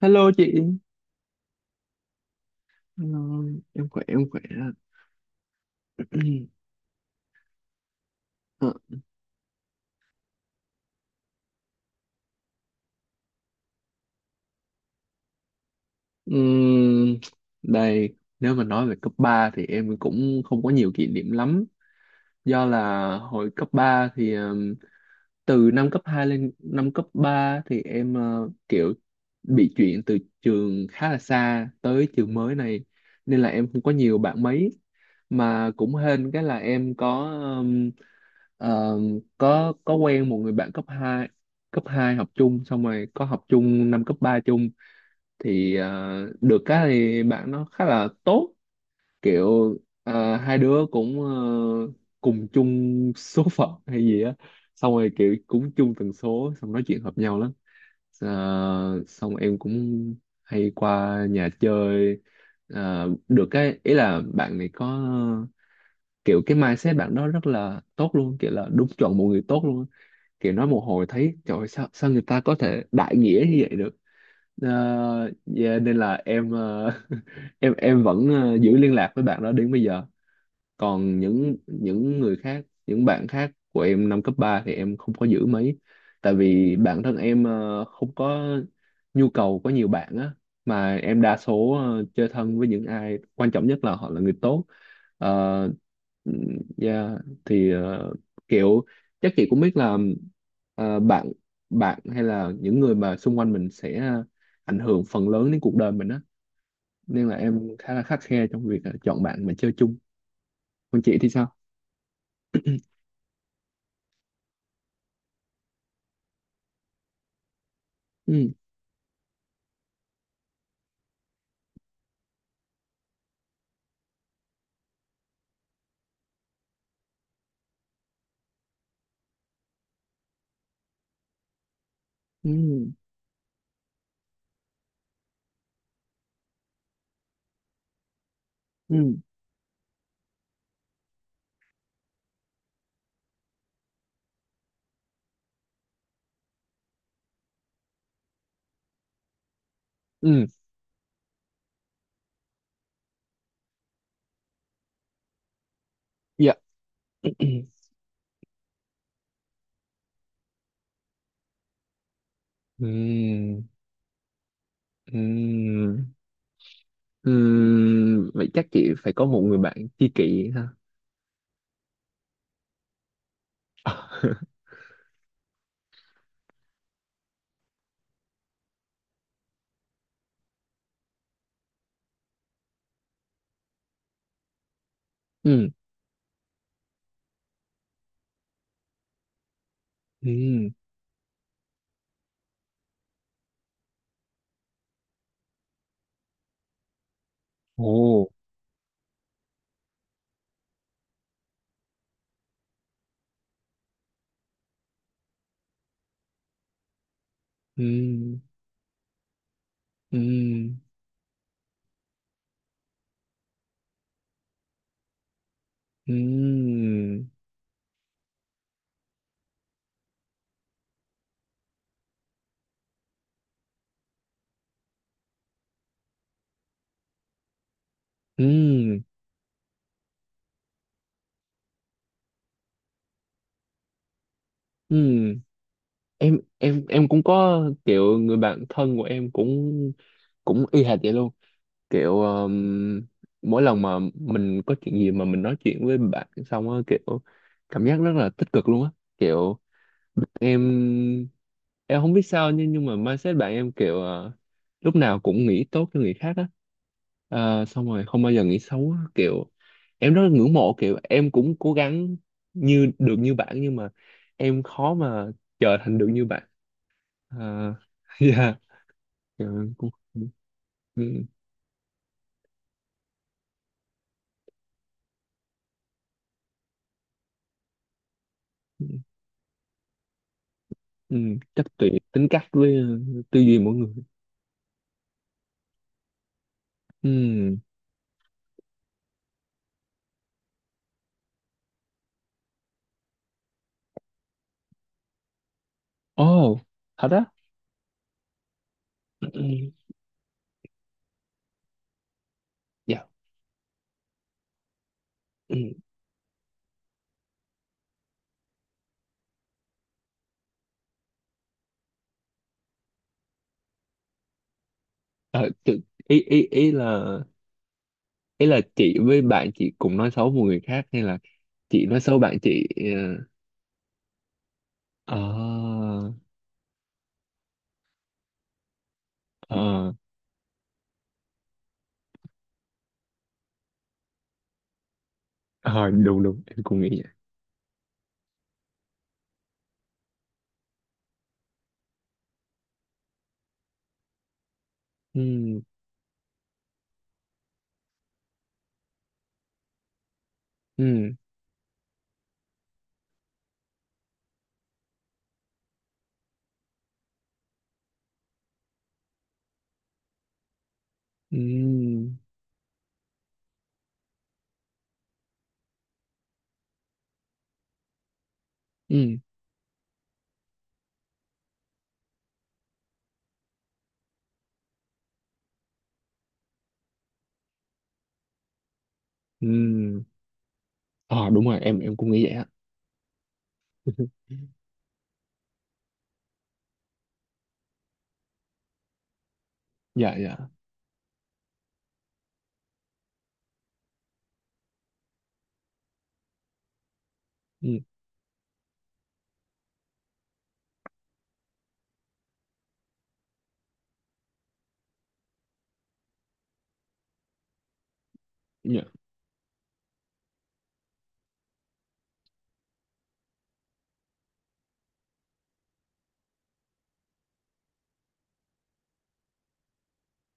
Hello chị. Hello, em khỏe. Ờ, ừm, đây nếu mà nói về cấp 3 thì em cũng không có nhiều kỷ niệm lắm. Do là hồi cấp 3 thì từ năm cấp 2 lên năm cấp 3 thì em kiểu bị chuyển từ trường khá là xa tới trường mới này, nên là em không có nhiều bạn mấy, mà cũng hên cái là em có ừm, có quen một người bạn cấp hai. Cấp hai học chung, xong rồi có học chung năm cấp 3 chung, thì được cái thì bạn nó khá là tốt. Kiểu à, hai đứa cũng cùng chung số phận hay gì á, xong rồi kiểu cũng chung tần số, xong nói chuyện hợp nhau lắm. À, xong em cũng hay qua nhà chơi. À, được cái ý là bạn này có kiểu cái mindset bạn đó rất là tốt luôn, kiểu là đúng chuẩn một người tốt luôn á. Kiểu nói một hồi thấy trời ơi, sao sao người ta có thể đại nghĩa như vậy được. À, yeah, nên là em em vẫn giữ liên lạc với bạn đó đến bây giờ. Còn những người khác, những bạn khác của em năm cấp 3 thì em không có giữ mấy, tại vì bản thân em không có nhu cầu có nhiều bạn á, mà em đa số chơi thân với những ai quan trọng nhất là họ là người tốt. Ờ, yeah, thì kiểu chắc chị cũng biết là bạn bạn hay là những người mà xung quanh mình sẽ ảnh hưởng phần lớn đến cuộc đời mình á, nên là em khá là khắt khe trong việc chọn bạn mà chơi chung. Còn chị thì sao? Ừ. 음, 음, 음, dạ, 음, 음, 음, vậy chắc chị phải có một người bạn tri kỷ ha. Ừm. Ừm. Ồ. Ừm. Ừm. Ừm. Ừm. Ừm. Em cũng có kiểu người bạn thân của em cũng cũng y hệt vậy luôn. Kiểu mỗi lần mà mình có chuyện gì mà mình nói chuyện với bạn xong á, kiểu cảm giác rất là tích cực luôn á. Kiểu em em không biết sao, nhưng mà mindset bạn em kiểu lúc nào cũng nghĩ tốt cho người khác á. Ờ, xong rồi không bao giờ nghĩ xấu á. Kiểu em rất là ngưỡng mộ, kiểu em cũng cố gắng như được như bạn, nhưng mà em khó mà trở thành được như bạn. Ờ, dạ. Kiểu em cũng ừ, ừ, ừ, chắc tùy tính cách với tư duy mỗi người. Ừ. Ồ. Thật á? Ừ, dạ. Ừ. Ờ, tự- ý ý ý là chị với bạn chị cùng nói xấu một người khác, hay là chị nói xấu bạn chị? Ờ. Ờ. Ờ. Ờ, đúng đúng em cũng nghĩ vậy. Ừ. Ừ. Ừ. Ừ. Ừ. Ờ đúng rồi, em cũng nghĩ vậy á. Dạ dạ. Ừ. Dạ.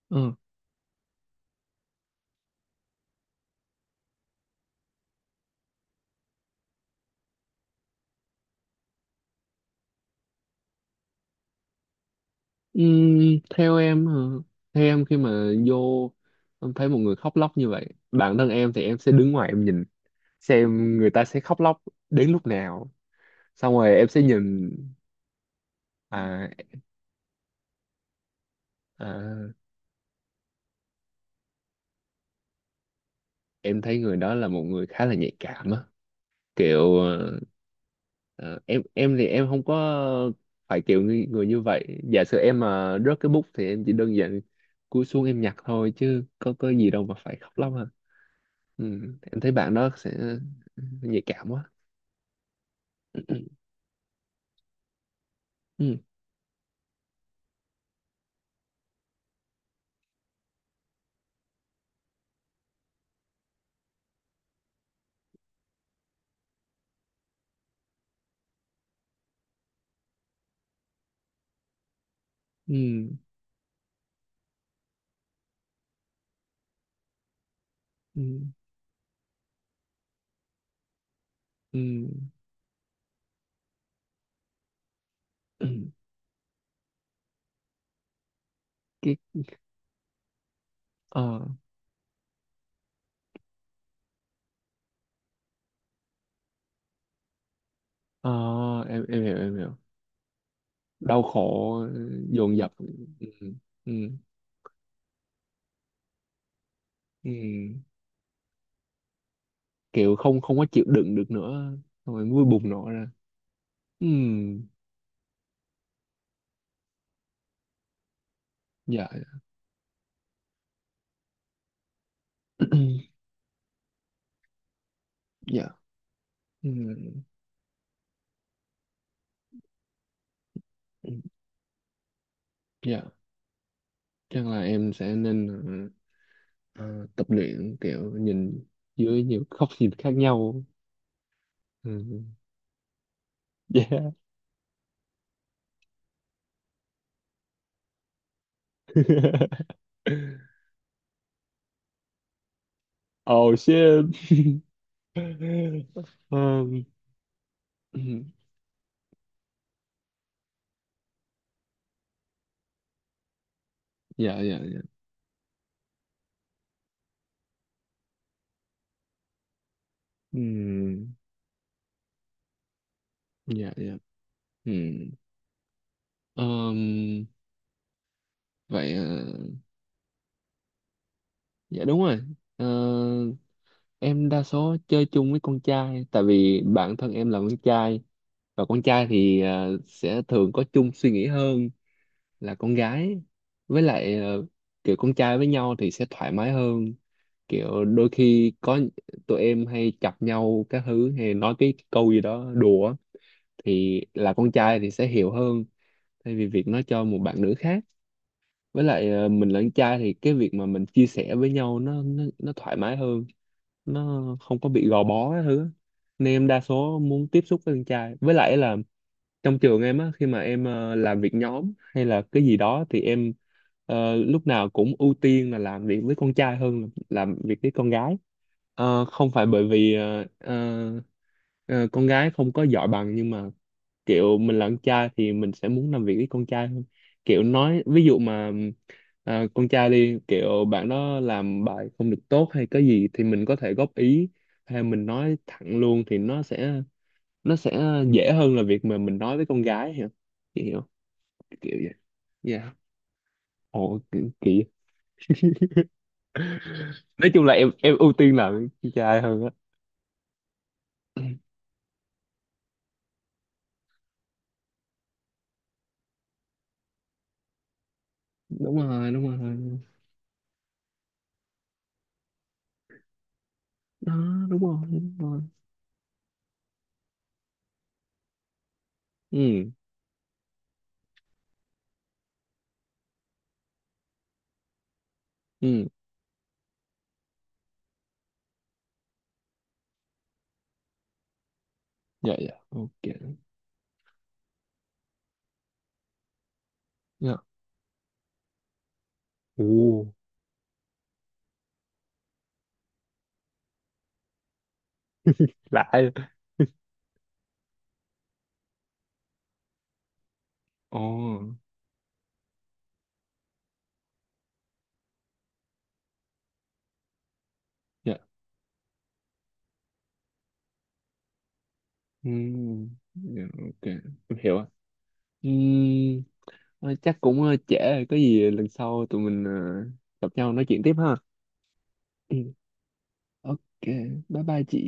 Ờ. Ừ, theo em hả? Theo em khi mà vô, em thấy một người khóc lóc như vậy, bản thân em thì em sẽ đứng ngoài em nhìn xem người ta sẽ khóc lóc đến lúc nào, xong rồi em sẽ nhìn. À. À, em thấy người đó là một người khá là nhạy cảm á. Kiểu ờ, ờ, em thì em không có phải kiểu người, người như vậy. Giả sử em mà rớt cái bút thì em chỉ đơn giản cúi xuống em nhặt thôi, chứ có gì đâu mà phải khóc lóc hả. Ừ. Em thấy bạn đó sẽ nhạy cảm quá. Ừ. Ừ. Ừ. Ừ. Ừ. Ừ. Cái, ờ, ờ, em hiểu, em hiểu. Đau khổ. Dồn dập. Ừ. Ừ. Ừ. Kiểu không không có chịu đựng được nữa, xong rồi mới bùng nổ ra. Ừm. Dạ. Dạ. Ừm. Dạ, chắc là em sẽ nên ờ, tập luyện kiểu nhìn dưới nhiều góc nhìn khác nhau. Ừm. Yeah. Oh shit. Um. Dạ dạ dạ. Ừm. Dạ dạ. Ừm. Um. Vậy ờ, dạ đúng rồi. Ờ, em đa số chơi chung với con trai tại vì bản thân em là con trai, và con trai thì sẽ thường có chung suy nghĩ hơn là con gái. Với lại kiểu con trai với nhau thì sẽ thoải mái hơn. Kiểu đôi khi có tụi em hay chọc nhau các thứ, hay nói cái câu gì đó đùa á, thì là con trai thì sẽ hiểu hơn thay vì việc nói cho một bạn nữ khác. Với lại mình là con trai thì cái việc mà mình chia sẻ với nhau nó thoải mái hơn, nó không có bị gò bó cái thứ. Nên em đa số muốn tiếp xúc với con trai. Với lại là trong trường em á, khi mà em làm việc nhóm hay là cái gì đó thì em lúc nào cũng ưu tiên là làm việc với con trai hơn là làm việc với con gái. Ờ, không phải bởi vì con gái không có giỏi bằng, nhưng mà kiểu mình là con trai thì mình sẽ muốn làm việc với con trai hơn. Kiểu nói ví dụ mà à, con trai đi, kiểu bạn đó làm bài không được tốt hay cái gì thì mình có thể góp ý, hay mình nói thẳng luôn thì nó sẽ dễ hơn là việc mà mình nói với con gái hiểu. Chị hiểu kiểu vậy. Yeah. Ồ kiểu, kiểu nói chung là em ưu tiên làm với con trai hơn á. Đúng rồi, đúng rồi. Đó, đúng rồi, đúng rồi. Ừ. Ừ. Dạ dạ, ok. Dạ. Ồ. Lạ. Ồ. Dạ. Ừm. Dạ, ok, em hiểu ạ. Ừm. Thôi chắc cũng trễ rồi, có gì lần sau tụi mình gặp nhau nói chuyện tiếp ha. Ừ, ok, bye bye chị.